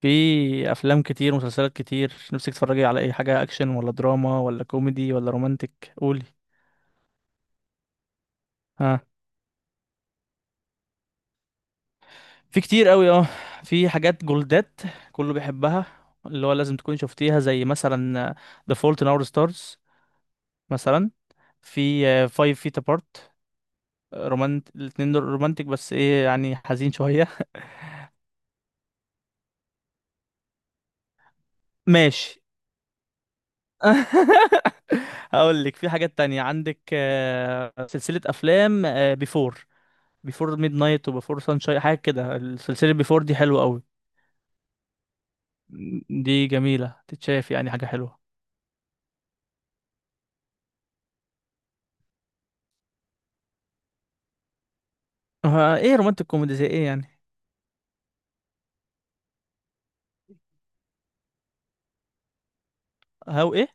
في افلام كتير ومسلسلات كتير، نفسك تتفرجي على اي حاجه؟ اكشن ولا دراما ولا كوميدي ولا رومانتك؟ قولي. ها؟ في كتير قوي، اه. في حاجات جولدات كله بيحبها، اللي هو لازم تكون شفتيها، زي مثلا The Fault in Our Stars، مثلا، في Five Feet Apart. الاتنين دول رومانتك، بس ايه يعني، حزين شويه. ماشي. هقول لك في حاجات تانية، عندك سلسله افلام بيفور. بيفور ميد نايت وبيفور سانشاين، حاجه كده. السلسله بيفور دي حلوه قوي، دي جميله، تتشاف، يعني حاجه حلوه. ايه رومانتك كوميدي زي ايه يعني؟ هاو ايه؟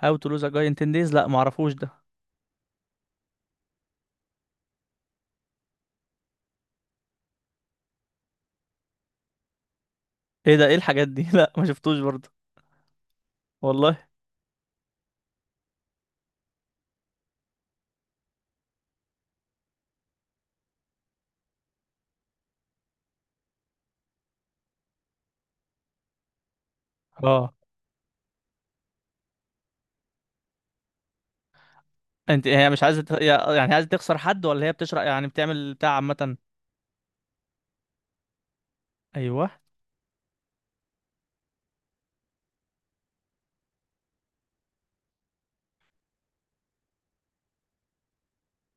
هاو تو لوز ا جاي ان 10 دايز، لا، معرفوش ده. ايه ده؟ ايه الحاجات دي؟ لا، ما شفتوش برضه. والله. اه. انت، هي مش عايزه يعني عايزه تخسر حد، ولا هي بتشرح، يعني بتعمل بتاع عامه؟ ايوه.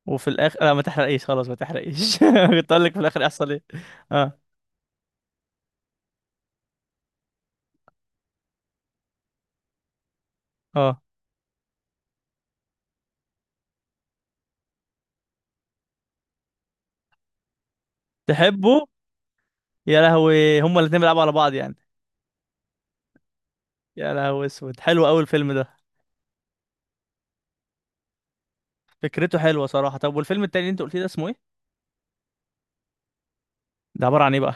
وفي الاخر، لا ما تحرقيش، خلاص ما تحرقيش، كنت اقول لك في الاخر يحصل ايه. اه، اه. تحبه. يا لهوي، هما الاتنين بيلعبوا على بعض يعني. يا لهوي، اسود، حلو قوي الفيلم ده. فكرته حلوه صراحه. طب والفيلم التاني اللي انت قلت لي ده اسمه ايه؟ ده عباره عن ايه بقى؟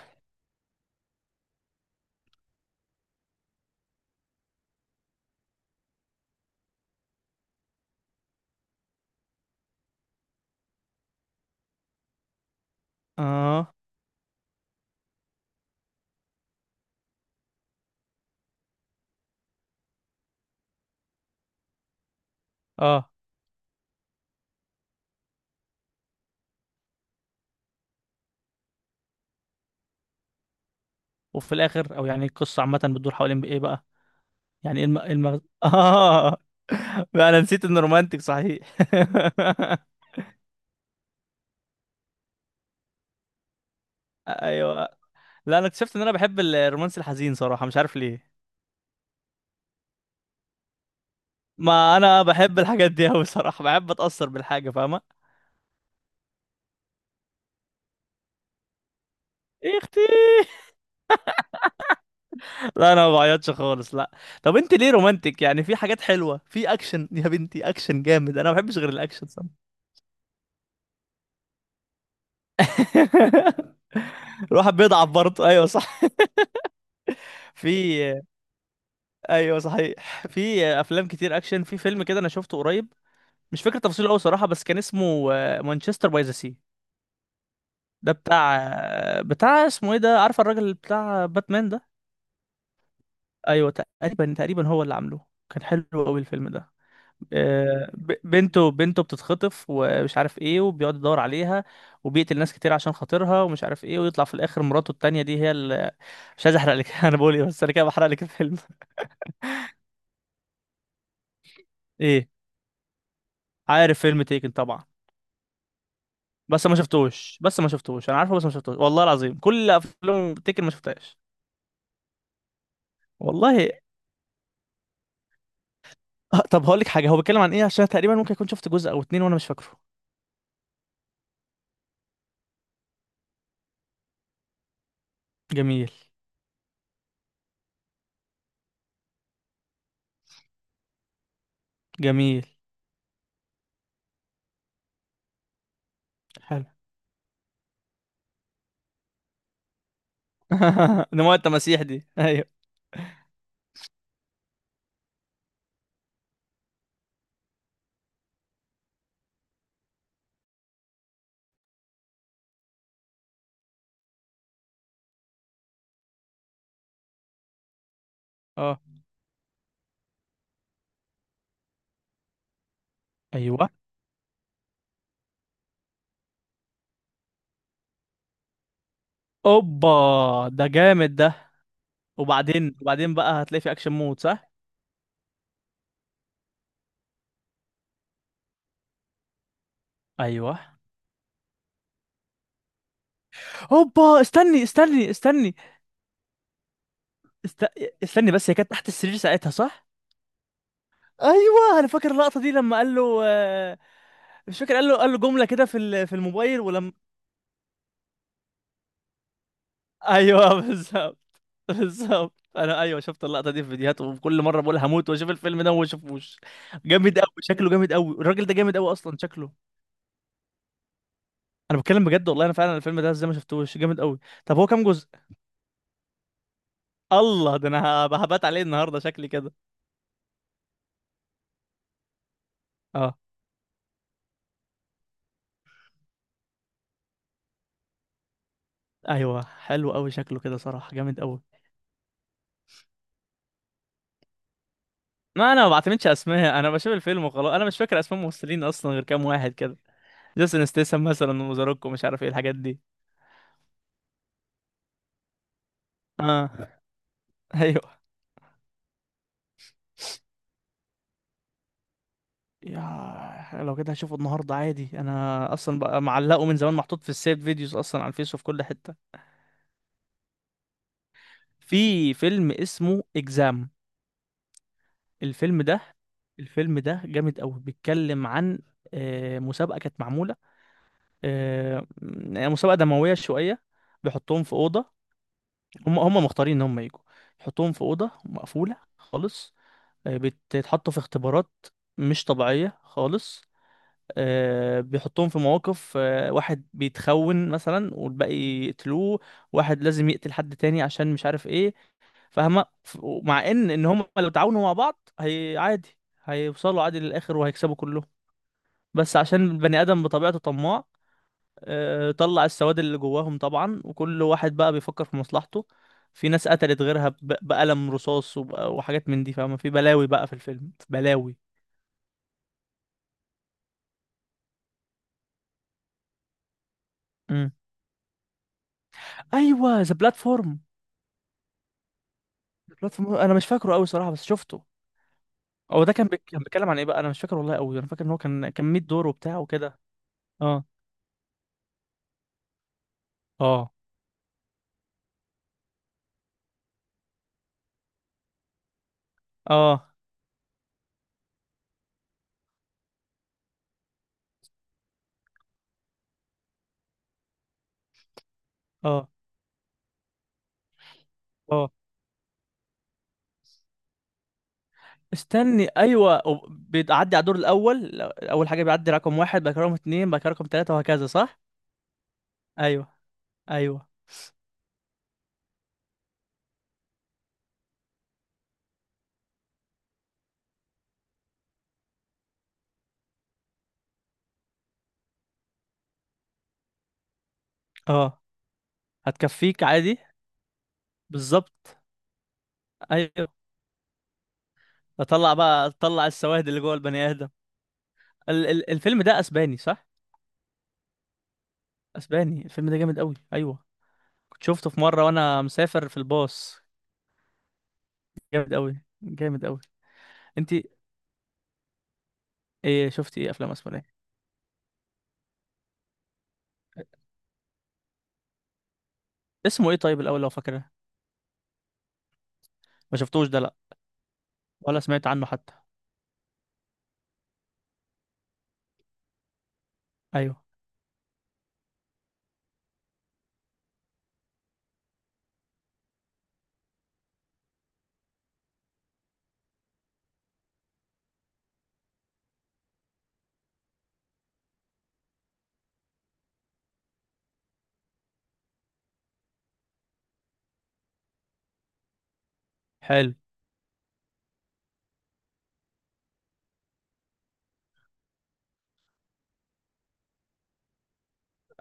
اه، اه. وفي الاخر، او يعني القصه عامه بتدور حوالين ايه بقى؟ يعني ايه إيه المغز، اه. بقى انا نسيت انه رومانتك صحيح. ايوه. لا، انا اكتشفت ان انا بحب الرومانس الحزين صراحه، مش عارف ليه. ما انا بحب الحاجات دي قوي صراحه، بحب اتاثر بالحاجه، فاهمه. إيه يا اختي، لا انا ما بعيطش خالص، لا. طب انت ليه رومانتك؟ يعني في حاجات حلوه في اكشن، يا بنتي اكشن جامد، انا ما بحبش غير الاكشن. الواحد بيضعف برضه، ايوه صح. في ايوه صحيح، في افلام كتير اكشن. في فيلم كده انا شفته قريب، مش فاكر تفاصيله قوي صراحه، بس كان اسمه مانشستر باي ذا سي. ده بتاع اسمه ايه ده، عارف الراجل بتاع باتمان ده؟ ايوه. تقريبا، تقريبا هو اللي عامله، كان حلو قوي الفيلم ده. بنته بتتخطف، ومش عارف ايه، وبيقعد يدور عليها، وبيقتل ناس كتير عشان خاطرها، ومش عارف ايه، ويطلع في الاخر مراته التانية دي هي اللي. مش عايز احرق لك، انا بقول ايه، بس انا كده بحرق لك الفيلم. ايه؟ عارف فيلم تيكن طبعا، بس ما شفتوش، انا عارفه، بس ما شفتوش، والله العظيم، كل افلام تيكن ما شفتهاش. والله. طب هقول لك حاجة، هو بيتكلم عن ايه، عشان تقريبا ممكن اكون شفت جزء او اتنين وانا مش فاكره. جميل، جميل. حلو. نموت التماسيح دي، ايوه. اه، ايوه. اوبا، ده جامد ده. وبعدين بقى هتلاقي في اكشن مود صح؟ ايوه. اوبا، استني، استني، استني. است... استني بس، هي كانت تحت السرير ساعتها صح؟ ايوه، انا فاكر اللقطه دي لما قال له. مش فاكر، قال له جمله كده في في الموبايل، ولما. ايوه، بالظبط. بالظبط، انا، ايوه، شفت اللقطه دي في فيديوهات، وكل مره بقول هموت واشوف الفيلم ده وما اشوفوش. جامد قوي شكله، جامد قوي الراجل ده، جامد قوي اصلا شكله. انا بتكلم بجد والله، انا فعلا الفيلم ده ازاي ما شفتوش، جامد قوي. طب هو كام جزء؟ الله، ده انا هبات عليه النهارده شكلي كده. اه، ايوه، حلو قوي شكله كده صراحه، جامد قوي. ما انا ما بعتمدش اسماء، انا بشوف الفيلم وخلاص، انا مش فاكر اسماء ممثلين اصلا، غير كام واحد كده. جيسون ستاثام مثلا، وزاروكو، مش عارف ايه الحاجات دي. اه، ايوه. يا لو كده هشوفه النهارده عادي، انا اصلا بقى معلقه من زمان، محطوط في السيف فيديوز اصلا على الفيس وفي كل حته. في فيلم اسمه اكزام. الفيلم ده الفيلم ده جامد قوي، بيتكلم عن مسابقه كانت معموله، آه، يعني مسابقة دموية شوية. بيحطوهم في أوضة، هم مختارين إن هم يجوا، يحطوهم في أوضة مقفولة خالص، بيتحطوا في اختبارات مش طبيعية خالص، بيحطوهم في مواقف، واحد بيتخون مثلا والباقي يقتلوه، واحد لازم يقتل حد تاني عشان مش عارف ايه، فاهمة؟ مع ان هم لو تعاونوا مع بعض هي عادي، هيوصلوا عادي للآخر وهيكسبوا كلهم، بس عشان البني آدم بطبيعته طماع، طلع السواد اللي جواهم طبعا، وكل واحد بقى بيفكر في مصلحته، في ناس قتلت غيرها بقلم رصاص، وحاجات من دي فاهمة، في بلاوي بقى في الفيلم، بلاوي. مم. ايوه، ذا بلاتفورم. بلاتفورم، انا مش فاكره قوي صراحة، بس شفته. هو ده كان كان بيتكلم عن ايه بقى؟ انا مش فاكر والله قوي، انا فاكر ان هو كان 100 دور وبتاع وكده. اه، اه، اه، اه، اه. استني، ايوه، بيعدي على الدور الاول، اول حاجه بيعدي رقم واحد، بعد كده رقم اتنين، بعد كده رقم تلاته، وهكذا صح؟ ايوه، ايوه. اه. هتكفيك عادي، بالظبط. ايوه. اطلع بقى، اطلع السواد اللي جوه البني ادم. ال ال الفيلم ده اسباني صح؟ اسباني، الفيلم ده جامد قوي، ايوه، كنت شفته في مره وانا مسافر في الباص، جامد قوي، جامد قوي. انت. ايه شفتي ايه افلام اسبانيه؟ اسمه ايه طيب الاول لو فاكره؟ ما شفتوش ده، لا، ولا سمعت عنه حتى. ايوه، حلو،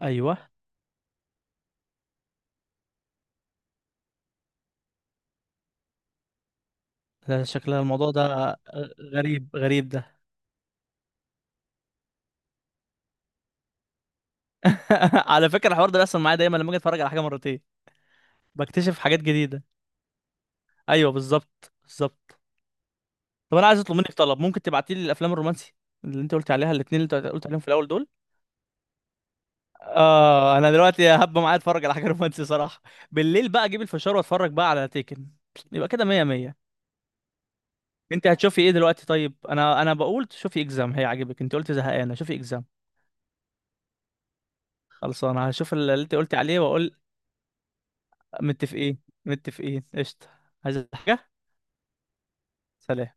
ايوه. ده شكل الموضوع ده، غريب، غريب ده. على فكره الحوار ده بيحصل معايا دايما، لما اجي اتفرج على حاجه مرتين بكتشف حاجات جديده. ايوه، بالظبط، بالظبط. طب انا عايز اطلب منك طلب، ممكن تبعتي لي الافلام الرومانسي اللي انت قلت عليها، الاثنين اللي انت قلت عليهم في الاول دول. اه، انا دلوقتي هبقى معايا اتفرج على حاجه رومانسي صراحه، بالليل بقى اجيب الفشار واتفرج بقى على تيكن، يبقى كده مية مية. انت هتشوفي ايه دلوقتي؟ طيب انا بقول شوفي اكزام هيعجبك، انت قلت زهقانه، شوفي اكزام. خلاص، انا هشوف اللي انت قلت عليه واقول. متفقين، متفقين، قشطه. عايز حاجه؟ سلام.